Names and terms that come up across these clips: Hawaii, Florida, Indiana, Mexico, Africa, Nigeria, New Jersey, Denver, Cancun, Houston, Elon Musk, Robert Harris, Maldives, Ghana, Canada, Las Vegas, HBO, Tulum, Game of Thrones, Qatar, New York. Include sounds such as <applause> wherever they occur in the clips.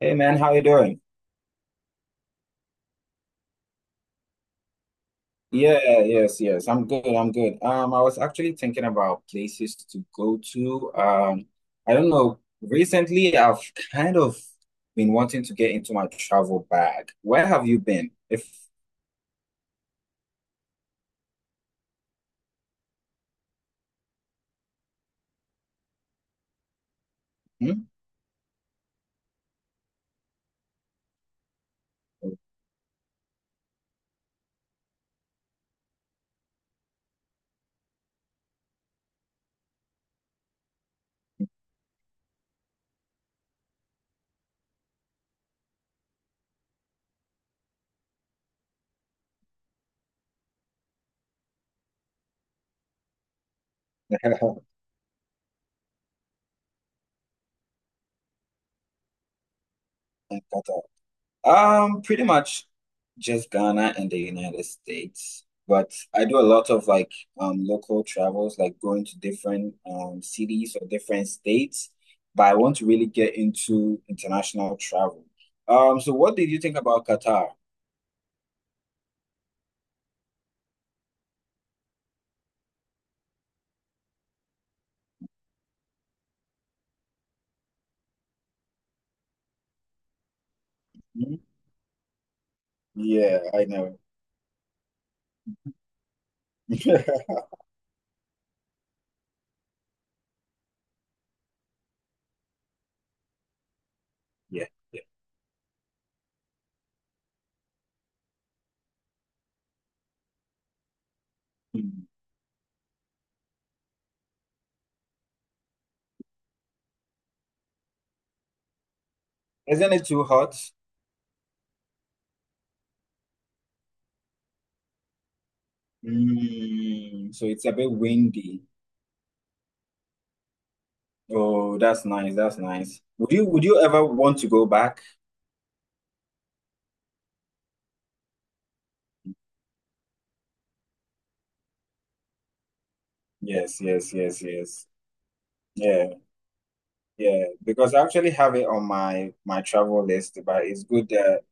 Hey man, how you doing? Yeah, yes, yes. I'm good. I'm good. I was actually thinking about places to go to. I don't know. Recently, I've kind of been wanting to get into my travel bag. Where have you been? If Hmm? <laughs> Pretty much just Ghana and the United States. But I do a lot of like local travels, like going to different cities or different states. But I want to really get into international travel. So what did you think about Qatar? Hmm? Yeah, I know. <laughs> Yeah, yeah. Mm. Isn't it too hot? So it's a bit windy. Oh, that's nice. That's nice. Would you ever want to go back? Yes, yes, yes, yes. Yeah, yeah, because I actually have it on my travel list, but it's good that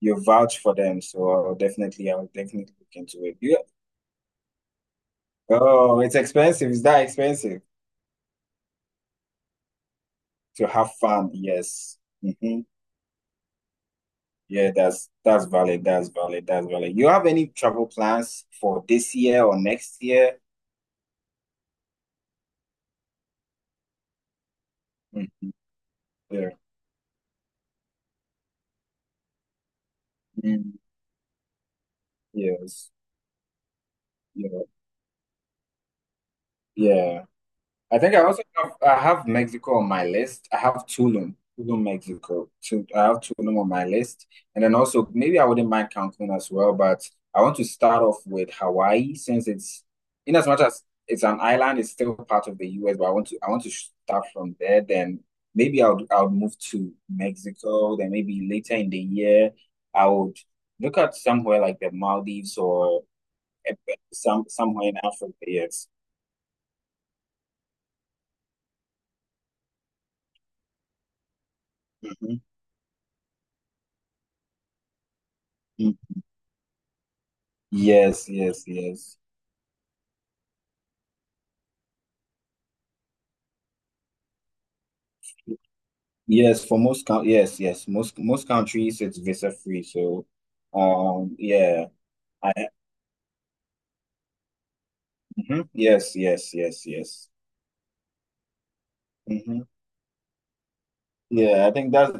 you vouch for them, so I'll definitely look into it. Yeah. Oh, it's expensive. It's that expensive to have fun. Yes. Hmm. Yeah, that's valid. That's valid. That's valid. You have any travel plans for this year or next year? Mhm. Yeah. Mm. Yes. Yeah. Yeah. I think I have Mexico on my list. I have Tulum, Mexico. So I have Tulum on my list, and then also maybe I wouldn't mind Cancun as well, but I want to start off with Hawaii since it's in as much as it's an island, it's still part of the US. But I want to start from there. Then maybe I'll move to Mexico. Then maybe later in the year I would look at somewhere like the Maldives or somewhere in Africa. Yes. Mhm. Yes, yes, yes. Yes, for most coun yes, yes. Most countries it's visa free. So yeah. I Mhm. Yes, yes, yes, yes. Hmm. Yeah, I think that's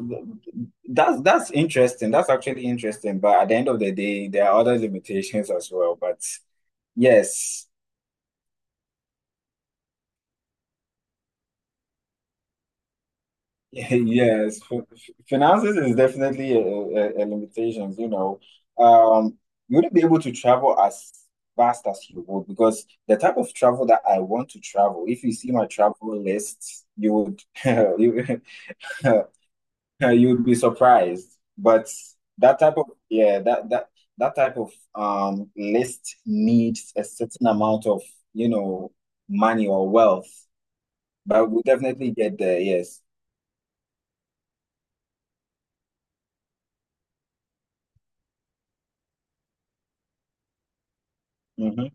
that's that's interesting. That's actually interesting. But at the end of the day, there are other limitations as well. But yes. <laughs> Yes, finances is definitely a limitations, you know. Um, you wouldn't be able to travel as fast as you would because the type of travel that I want to travel, if you see my travel list, you would <laughs> you, <laughs> you would be surprised. But that type of yeah, that type of list needs a certain amount of, you know, money or wealth. But we'll definitely get there, yes. Hmm.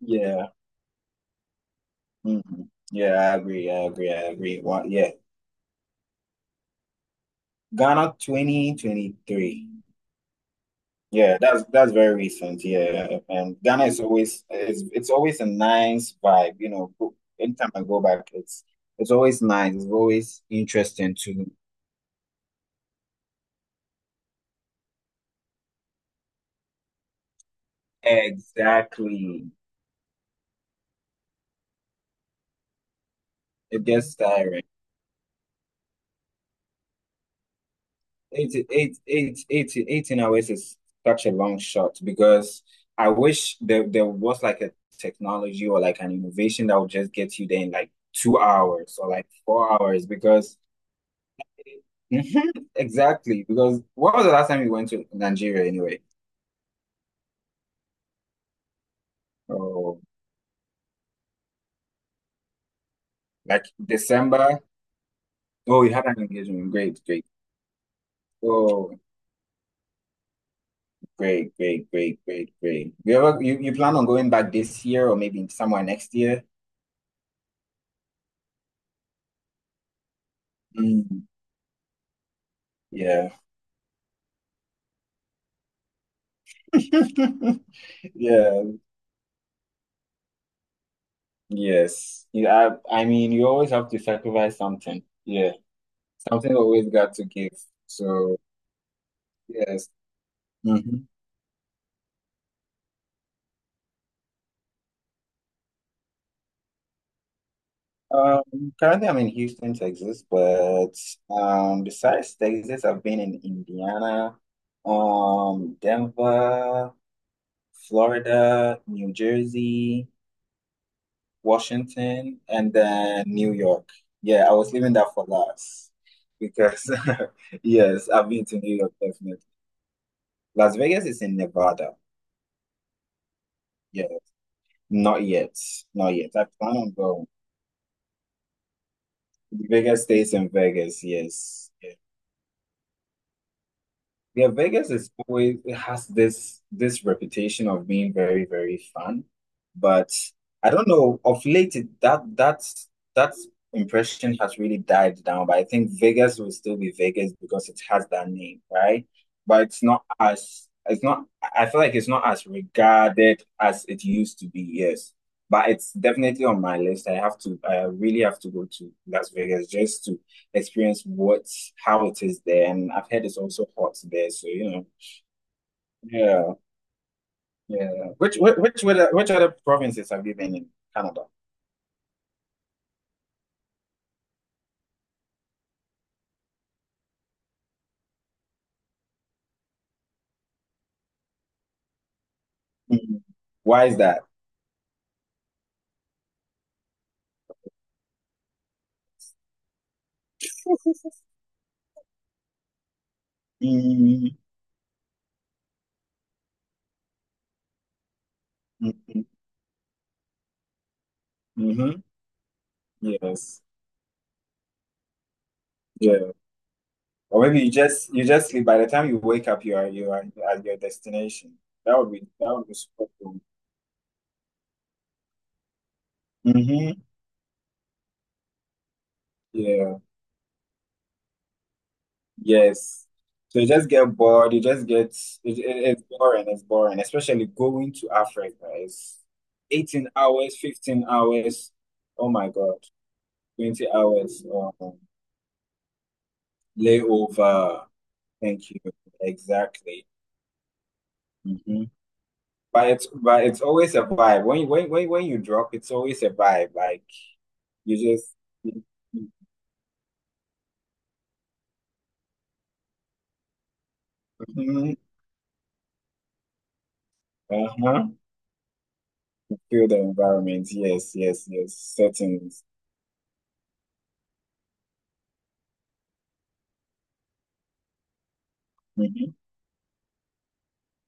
Yeah. Hmm. Yeah, I agree. I agree. I agree. What? Yeah, Ghana, 2023. Yeah, that's very recent. Yeah, and Ghana, is always it's always a nice vibe. You know, anytime I go back, it's always nice. It's always interesting to. Exactly. It gets tiring. 18, 18, 18 hours is such a long shot because I wish there was like a technology or like an innovation that would just get you there in like 2 hours or like 4 hours because <laughs> Mhm, exactly. Because what was the last time you went to Nigeria anyway? Oh, like December. Oh, you had an engagement. Great, great. Oh, great, great, great, great, great. You ever you, you plan on going back this year or maybe somewhere next year? Mm, yeah. <laughs> Yeah, yes. Yeah, I mean, you always have to sacrifice something. Yeah, something always got to give. So, yes. Hmm. Currently I'm in Houston, Texas, but besides Texas, I've been in Indiana, Denver, Florida, New Jersey, Washington, and then New York. Yeah, I was leaving that for last because <laughs> yes, I've been to New York. Las Vegas is in Nevada. Yeah, not yet. Not yet. I plan on going. Vegas stays in Vegas. Yes. Yeah, Vegas, is always it has this reputation of being very, very fun, but I don't know, of late it, that that's that impression has really died down. But I think Vegas will still be Vegas because it has that name, right? But it's not as it's not I feel like it's not as regarded as it used to be, yes. But it's definitely on my list. I really have to go to Las Vegas just to experience what how it is there. And I've heard it's also hot there, so yeah, yeah. Which which which other provinces have you been in Canada? Mhm. Why is that? Mm-hmm. Hmm. Yes. Yeah. Or maybe you just sleep. By the time you wake up, you are at your destination. That would be super cool. Hmm. Yeah. Yes. So you just get bored, you just get it, it- it's boring, especially going to Africa. It's 18 hours, 15 hours. Oh my God, 20 hours layover. Thank you. Exactly. Hmm. But it's always a vibe. When you drop, it's always a vibe. Like you just. Mhm. Uh-huh. Feel the environment. Yes, yes, yes. Settings.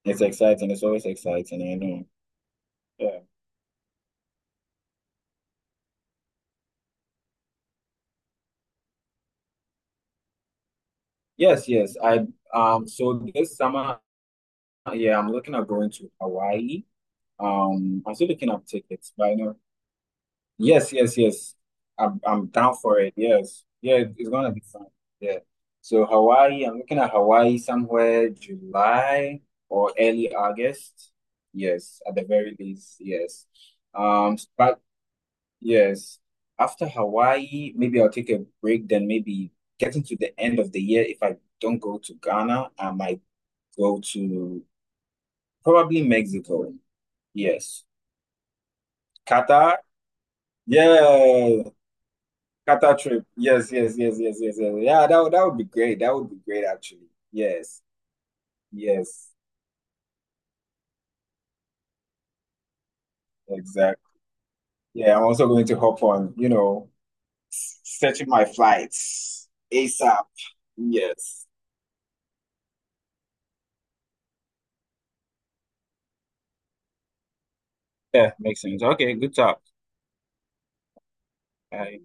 It's exciting. It's always exciting, I know. Yeah. Yes, yes. I so this summer, yeah, I'm looking at going to Hawaii. I'm still looking up tickets, but I know. Yes, yes, yes. I'm down for it. Yes. Yeah, it's gonna be fun. Yeah. So Hawaii, I'm looking at Hawaii somewhere July or early August. Yes, at the very least, yes. But yes. After Hawaii, maybe I'll take a break. Then maybe getting to the end of the year, if I don't go to Ghana, I might go to probably Mexico. Yes. Qatar? Yeah. Qatar trip. Yes, yes, yes, yes, yes, yes. Yeah, that would be great. That would be great actually. Yes. Yes. Exactly. Yeah, I'm also going to hop on, searching my flights ASAP. Yes. Yeah, makes sense. Okay, good talk. Bye.